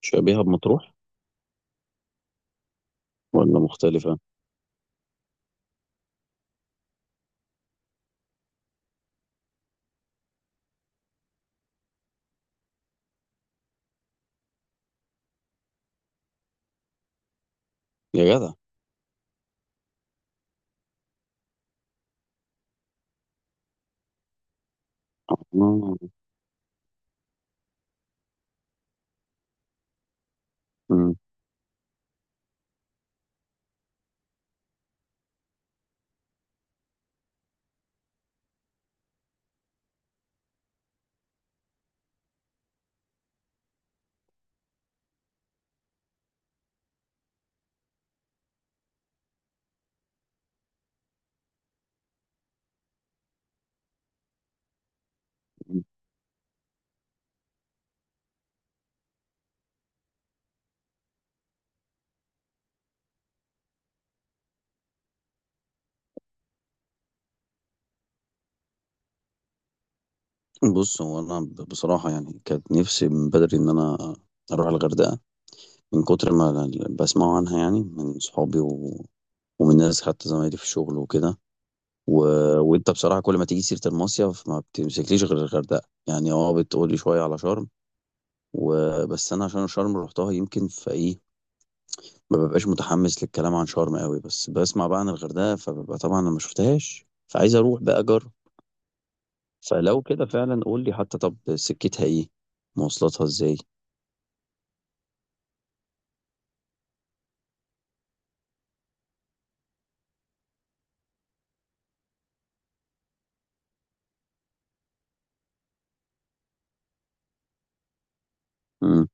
شبيهة بمطروح ولا مختلفة؟ يا جدع، آه. مم. بص، هو أنا بصراحة يعني كانت نفسي من بدري إن أنا أروح الغردقة، من كتر ما بسمعه عنها، يعني من صحابي ومن ناس، حتى زمايلي في الشغل وكده. و... وأنت بصراحة كل ما تيجي سيرة المصيف ما بتمسكليش غير الغردقة. يعني أه، بتقولي شوية على شرم وبس. أنا عشان شرم روحتها، يمكن في إيه ما ببقاش متحمس للكلام عن شرم قوي، بس بسمع بقى عن الغردقة فببقى طبعا أنا ما شفتهاش فعايز أروح بقى أجرب. فلو كده فعلا قول لي حتى، طب سكتها ايه؟ مواصلاتها ازاي؟ مم.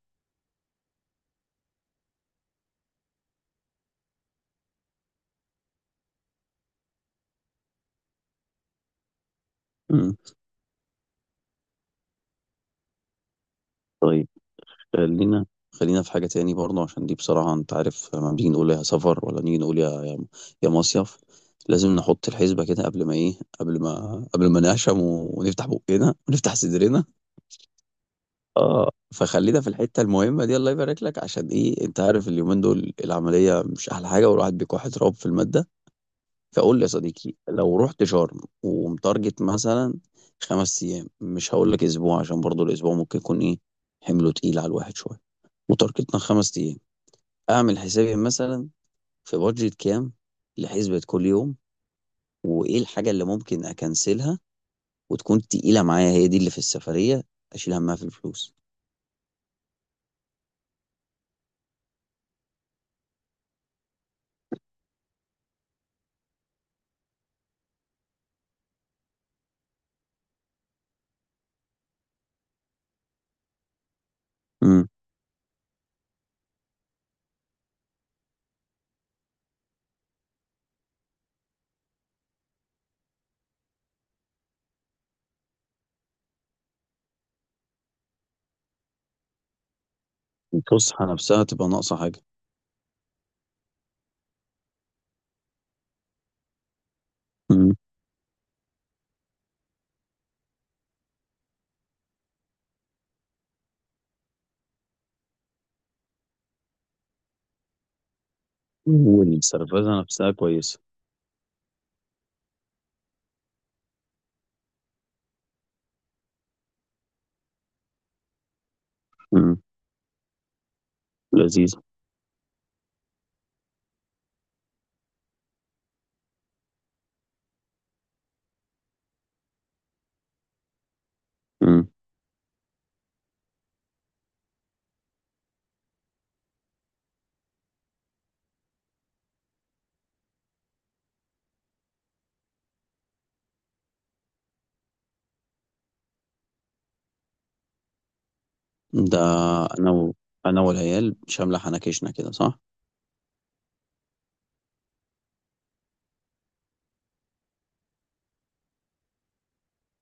مم. طيب، خلينا، خلينا في حاجة تاني برضه، عشان دي بصراحة انت عارف لما بنيجي نقول يا سفر ولا نيجي نقول يا مصيف، لازم نحط الحسبة كده قبل ما ايه قبل ما قبل ما نعشم ونفتح بقنا ونفتح صدرنا. اه، فخلينا في الحتة المهمة دي، الله يبارك لك، عشان ايه انت عارف اليومين دول العملية مش احلى حاجة والواحد بيكح تراب في المادة. فقول لي يا صديقي، لو رحت شرم ومتارجت مثلا 5 ايام، مش هقول لك اسبوع عشان برضو الاسبوع ممكن يكون ايه، حمله تقيل على الواحد شويه، وتارجتنا 5 ايام، اعمل حسابي مثلا في بادجت كام لحسبة كل يوم، وايه الحاجه اللي ممكن اكنسلها وتكون تقيله معايا، هي دي اللي في السفريه اشيل همها في الفلوس. امم. الفسحه نفسها تبقى ناقصه حاجه. امم. والسرفازه نفسها كويسه. امم. لذيذ. ده انا و... انا والعيال شامله حنكشنا كده، صح؟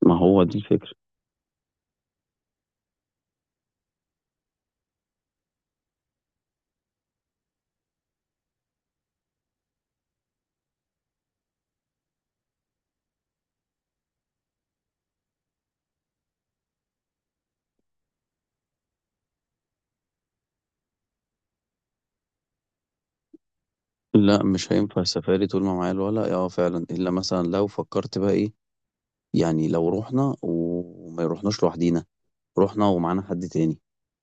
ما هو دي الفكره. لا مش هينفع السفاري طول ما معايا الولا، اه فعلا، الا مثلا لو فكرت بقى ايه، يعني لو رحنا وما رحناش لوحدينا، رحنا ومعانا حد تاني.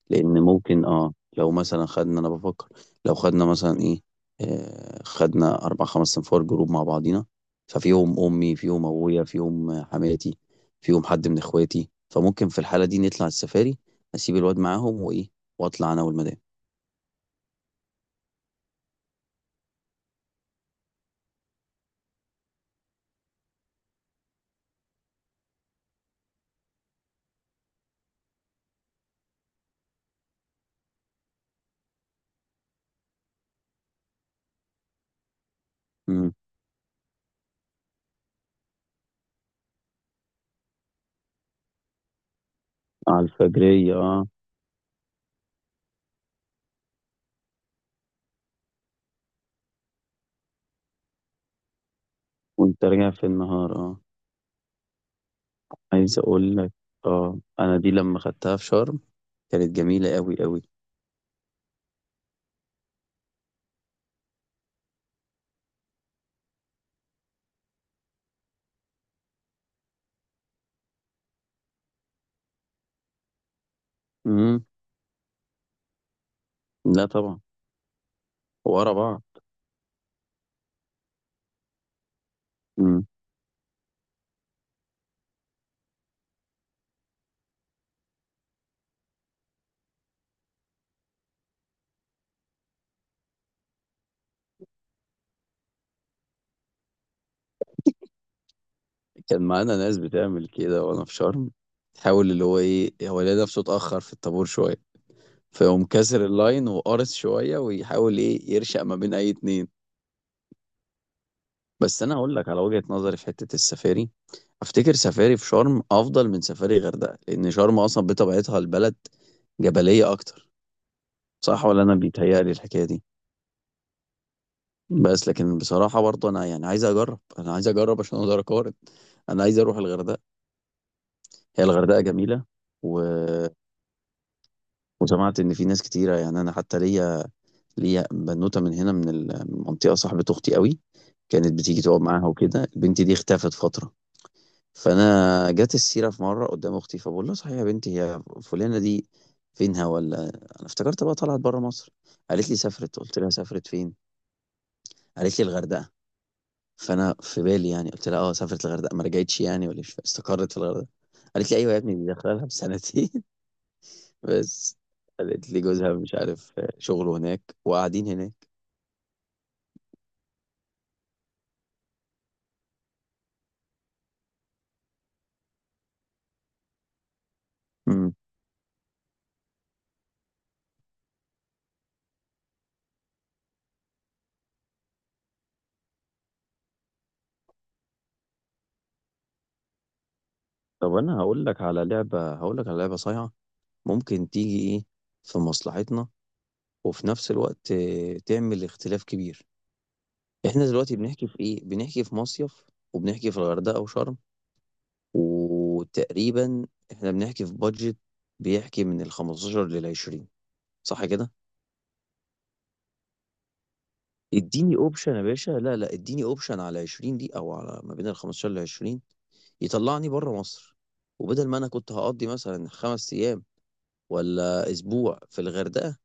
لان ممكن اه، لو مثلا خدنا، انا بفكر لو خدنا مثلا ايه، آه، خدنا اربع خمس صنفار جروب مع بعضينا، ففيهم امي فيهم ابويا فيهم حماتي، فيهم حد من اخواتي، فممكن في الحاله دي نطلع السفاري، اسيب الواد معاهم وايه، واطلع انا والمدام. امم. على الفجريه، اه. وانت راجع في النهار، اه. عايز اقول لك، اه، انا دي لما خدتها في شرم كانت جميله قوي قوي. امم. لا طبعا. ورا بعض. كان معانا ناس بتعمل كده وانا في شرم، تحاول اللي هو ايه، هو لقى نفسه اتاخر في الطابور شويه، فيقوم كسر اللاين وقارص شويه ويحاول ايه، يرشق ما بين اي اتنين. بس انا هقول لك على وجهه نظري في حته السفاري، افتكر سفاري في شرم افضل من سفاري غردقه، لان شرم اصلا بطبيعتها البلد جبليه اكتر. صح ولا انا بيتهيألي الحكايه دي؟ بس لكن بصراحه برضه انا يعني عايز اجرب، انا عايز اجرب عشان اقدر اقارن. انا عايز اروح الغردقه. هي الغردقه جميله. و... وسمعت ان في ناس كتيره، يعني انا حتى ليا بنوته من هنا من المنطقه صاحبه اختي قوي، كانت بتيجي تقعد معاها وكده، البنت دي اختفت فتره. فانا جت السيره في مره قدام اختي، فبقول لها صحيح يا بنتي هي فلانه دي فينها؟ ولا انا افتكرت بقى طلعت بره مصر. قالت لي سافرت، قلت لها سافرت فين؟ قالت لي الغردقه. فانا في بالي يعني قلت لها اه سافرت الغردقه ما رجعتش يعني ولا إيش؟ استقرت في الغردقه؟ قالت لي ايوه يا ابني دي داخله لها بسنتين بس. قالت لي جوزها مش عارف شغله هناك وقاعدين هناك. امم. طب انا هقول لك على لعبة، هقول لك على لعبة صايعة، ممكن تيجي ايه، في مصلحتنا وفي نفس الوقت تعمل اختلاف كبير. احنا دلوقتي بنحكي في ايه؟ بنحكي في مصيف، وبنحكي في الغردقة وشرم، وتقريبا احنا بنحكي في بادجت بيحكي من ال 15 لل 20، صح كده؟ اديني اوبشن يا باشا، لا لا اديني اوبشن على 20 دي او على ما بين ال 15 لل 20 يطلعني بره مصر، وبدل ما انا كنت هقضي مثلا 5 ايام ولا اسبوع في الغردقه،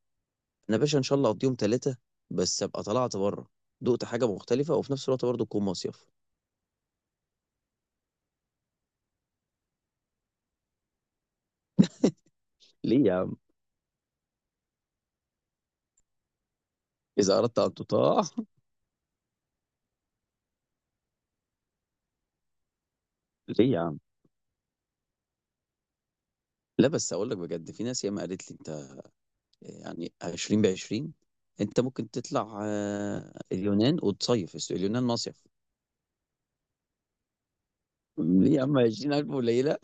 انا باشا ان شاء الله اقضيهم ثلاثه، بس ابقى طلعت بره، دقت حاجه مختلفه وفي نفس الوقت برضه تكون مصيف. ليه يا عم؟ اذا اردت ان تطاع ليه يا عم؟ لا بس اقول لك بجد، في ناس ياما قالت لي انت يعني 20 ب 20 انت ممكن تطلع اليونان وتصيف، اليونان مصيف. ليه يا عم؟ 20,000 قليله.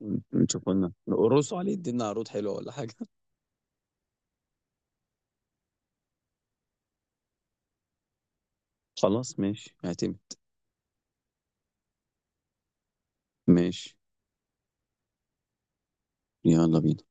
نشوف، قلنا نقرصوا عليه، ادينا عروض حلوه ولا حاجه. خلاص ماشي، اعتمد. ماشي. يلا بينا.